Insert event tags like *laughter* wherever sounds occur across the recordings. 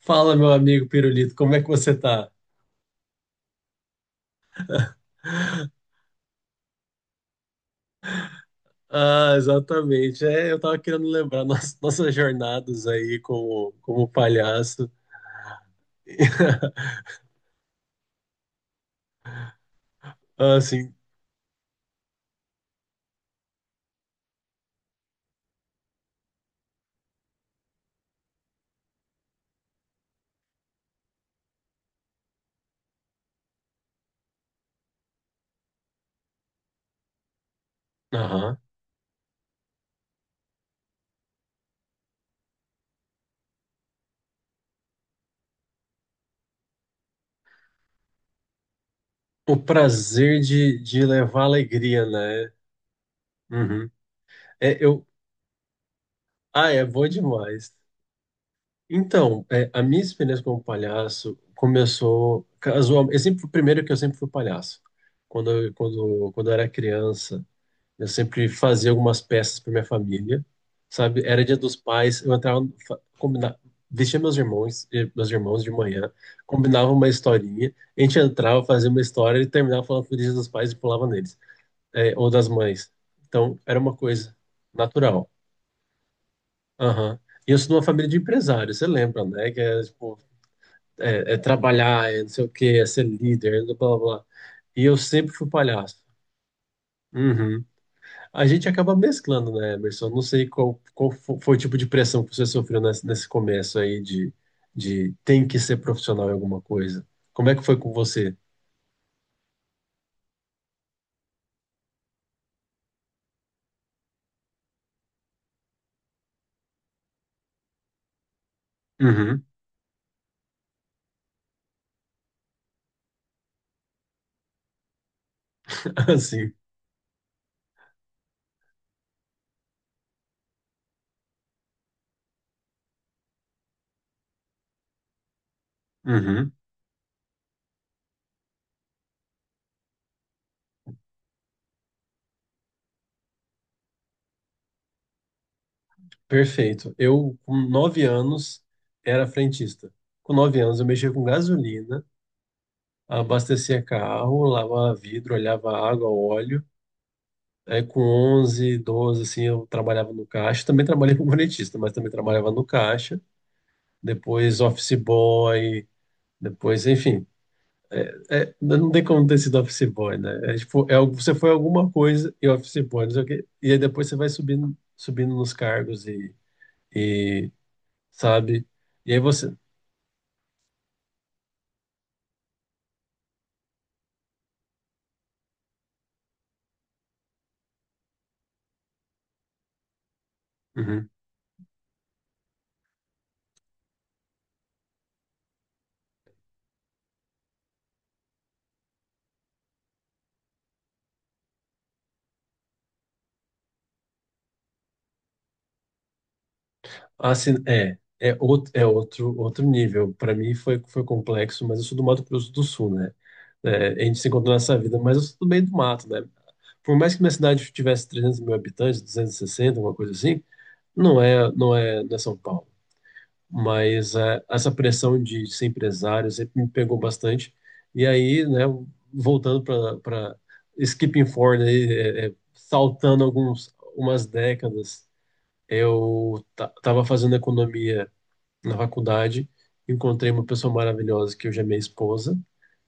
Fala, meu amigo Pirulito, como é que você tá? *laughs* Ah, exatamente. Eu tava querendo lembrar nossas jornadas aí como palhaço. *laughs* Assim, aham. O prazer de levar alegria, né? Uhum. É, eu, é bom demais. Então, a minha experiência como palhaço começou casualmente. O primeiro que eu sempre fui palhaço. Quando eu era criança. Eu sempre fazia algumas peças para minha família, sabe? Era dia dos pais, eu entrava, vestia meus irmãos, meus irmãos de manhã, combinava uma historinha, a gente entrava, fazia uma história e terminava falando feliz dia dos pais e pulava neles, eh, ou das mães. Então, era uma coisa natural. Aham. E eu sou de uma família de empresários, você lembra, né? Que é, tipo, é trabalhar, é não sei o quê, é ser líder, é blá, blá, blá. E eu sempre fui palhaço. Uhum. A gente acaba mesclando, né, Emerson? Não sei qual foi o tipo de pressão que você sofreu nesse começo aí de tem que ser profissional em alguma coisa. Como é que foi com você? Uhum. *laughs* Assim. Uhum. Perfeito. Eu, com 9 anos, era frentista. Com 9 anos, eu mexia com gasolina, abastecia carro, lavava vidro, olhava água, óleo. Aí, com 11 12 assim, eu trabalhava no caixa. Também trabalhei como frentista, mas também trabalhava no caixa. Depois, office boy. Depois, enfim, é, não tem como ter sido office boy, né? É, tipo, você foi alguma coisa e office boy, não sei o quê. E aí depois você vai subindo nos cargos e sabe? E aí você. Uhum. Assim, é outro nível. Para mim foi complexo, mas eu sou do Mato Grosso do Sul, né? É, a gente se encontrou nessa vida, mas eu sou do meio do mato, né? Por mais que minha cidade tivesse 300 mil habitantes, 260, alguma coisa assim, não é São Paulo. Mas é, essa pressão de ser empresário sempre me pegou bastante. E aí, né, voltando para skipping forward, aí, saltando alguns, umas décadas, eu estava fazendo economia na faculdade, encontrei uma pessoa maravilhosa que hoje é minha esposa.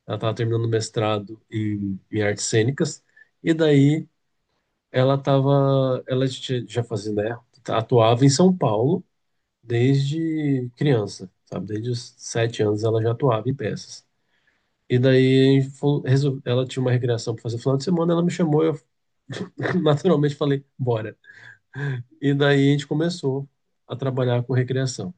Ela estava terminando o mestrado em artes cênicas, e daí ela já fazia, né, atuava em São Paulo desde criança, sabe? Desde os 7 anos ela já atuava em peças. E daí ela tinha uma recreação para fazer final de semana, ela me chamou e eu *laughs* naturalmente falei, bora. E daí a gente começou a trabalhar com recreação.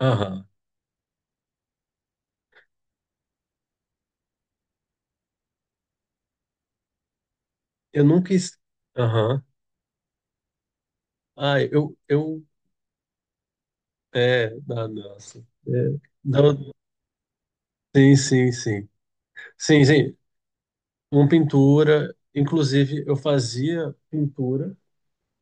Aham. Eu nunca... es- Aham. Ah, eu... É, ah, nossa. É, não, sim, sim, sim. Sim, sim. Uma pintura... Inclusive, eu fazia pintura.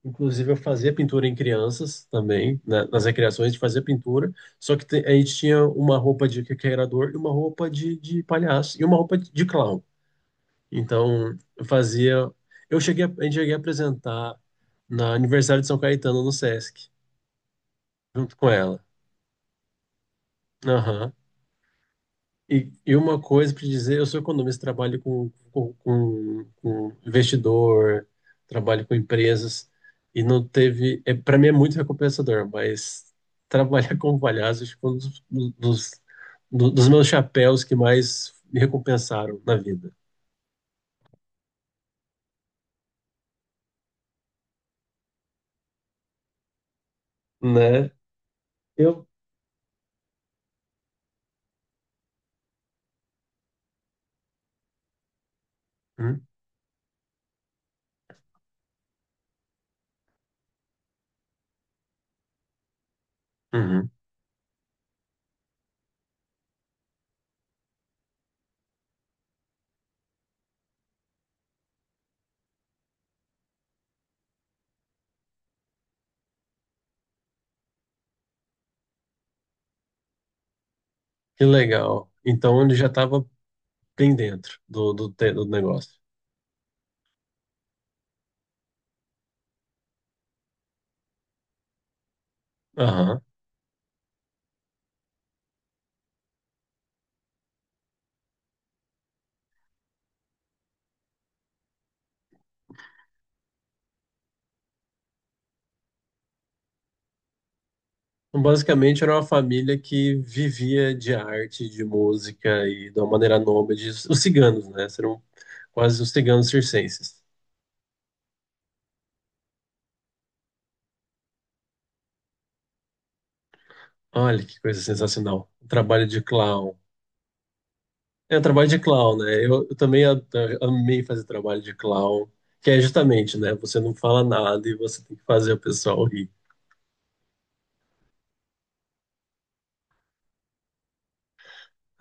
Inclusive, eu fazia pintura em crianças também, né? Nas recreações a gente fazia pintura, só que a gente tinha uma roupa de requeirador e uma roupa de palhaço e uma roupa de clown. Então, eu fazia. A gente cheguei a apresentar na aniversário de São Caetano no Sesc, junto com ela. E uma coisa para dizer, eu sou economista, trabalho com investidor, trabalho com empresas, e não teve. É, para mim é muito recompensador, mas *laughs* trabalhar como palhaço acho que foi um dos, dos, do- dos meus chapéus que mais me recompensaram na vida. Né? Eu, hum? Uhum. Que legal. Então ele já estava bem dentro do negócio. Aham. Então, basicamente, era uma família que vivia de arte, de música e de uma maneira nômade. Os ciganos, né? Eram quase os ciganos circenses. Olha que coisa sensacional. Trabalho de clown. É, trabalho de clown, né? Eu também amei fazer trabalho de clown, que é justamente, né? Você não fala nada e você tem que fazer o pessoal rir.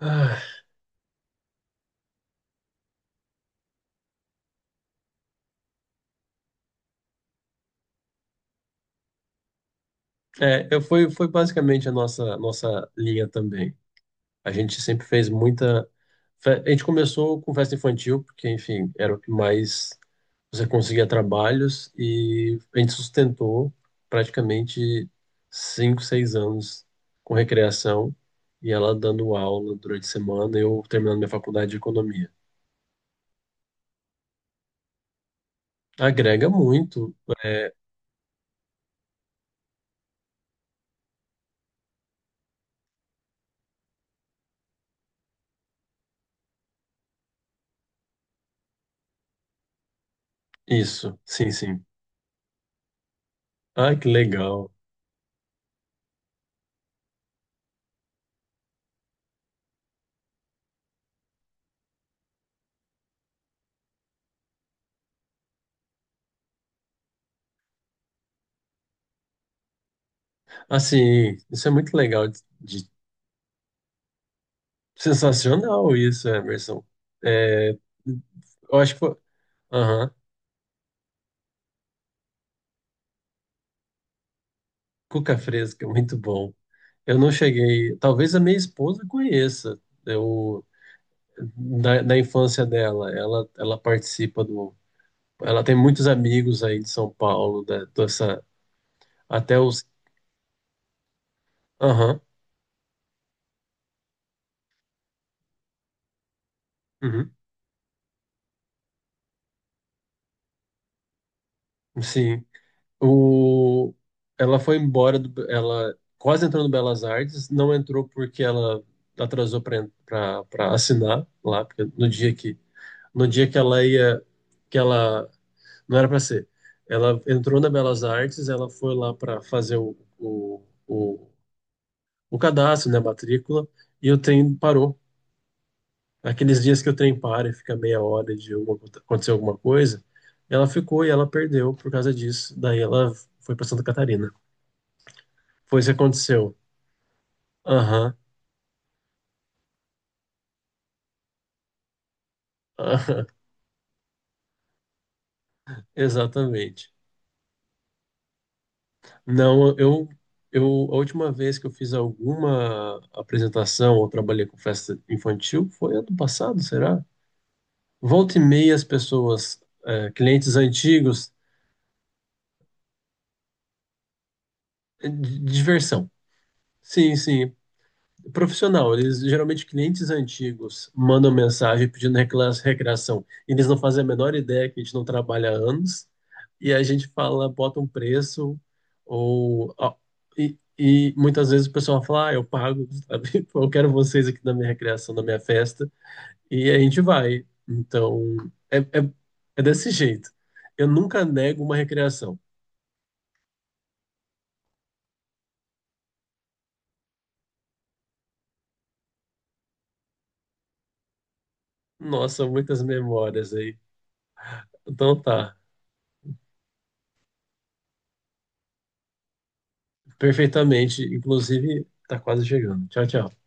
Ah, é, foi basicamente a nossa linha também. A gente sempre fez muita. A gente começou com festa infantil, porque, enfim, era o que mais você conseguia trabalhos e a gente sustentou praticamente 5, 6 anos com recreação e ela dando aula durante a semana, eu terminando minha faculdade de economia. Agrega muito, é, isso, sim, sim. Ah, que legal. Assim, isso é muito legal, de- sensacional isso, Emerson. É, eu acho que foi, aham, cuca fresca, é muito bom. Eu não cheguei, talvez a minha esposa conheça. Eu da infância dela. Ela participa do. Ela tem muitos amigos aí de São Paulo, da, dessa, até os. Aham, uhum, sim. O, ela foi embora, do, ela quase entrou no Belas Artes, não entrou porque ela atrasou para assinar lá, porque no dia que, no dia que ela ia, que ela não era para ser. Ela entrou na Belas Artes, ela foi lá para fazer o cadastro, né, a matrícula, e o trem parou. Aqueles dias que o trem para e fica meia hora de alguma- acontecer alguma coisa, ela ficou e ela perdeu por causa disso. Daí ela foi para Santa Catarina. Foi isso que aconteceu. Aham, aham, *laughs* exatamente. Não, eu, A última vez que eu fiz alguma apresentação ou trabalhei com festa infantil foi ano passado, será? Volta e meia as pessoas, eh, clientes antigos, diversão. Sim, sim, profissional. Eles geralmente clientes antigos mandam mensagem pedindo recreação. Eles não fazem a menor ideia que a gente não trabalha há anos e a gente fala, bota um preço ou ó, e muitas vezes o pessoal fala, ah, eu pago, sabe? *laughs* Eu quero vocês aqui na minha recreação, na minha festa e a gente vai. Então é, é, é desse jeito. Eu nunca nego uma recreação. Nossa, muitas memórias aí. Então tá. Perfeitamente. Inclusive, tá quase chegando. Tchau, tchau.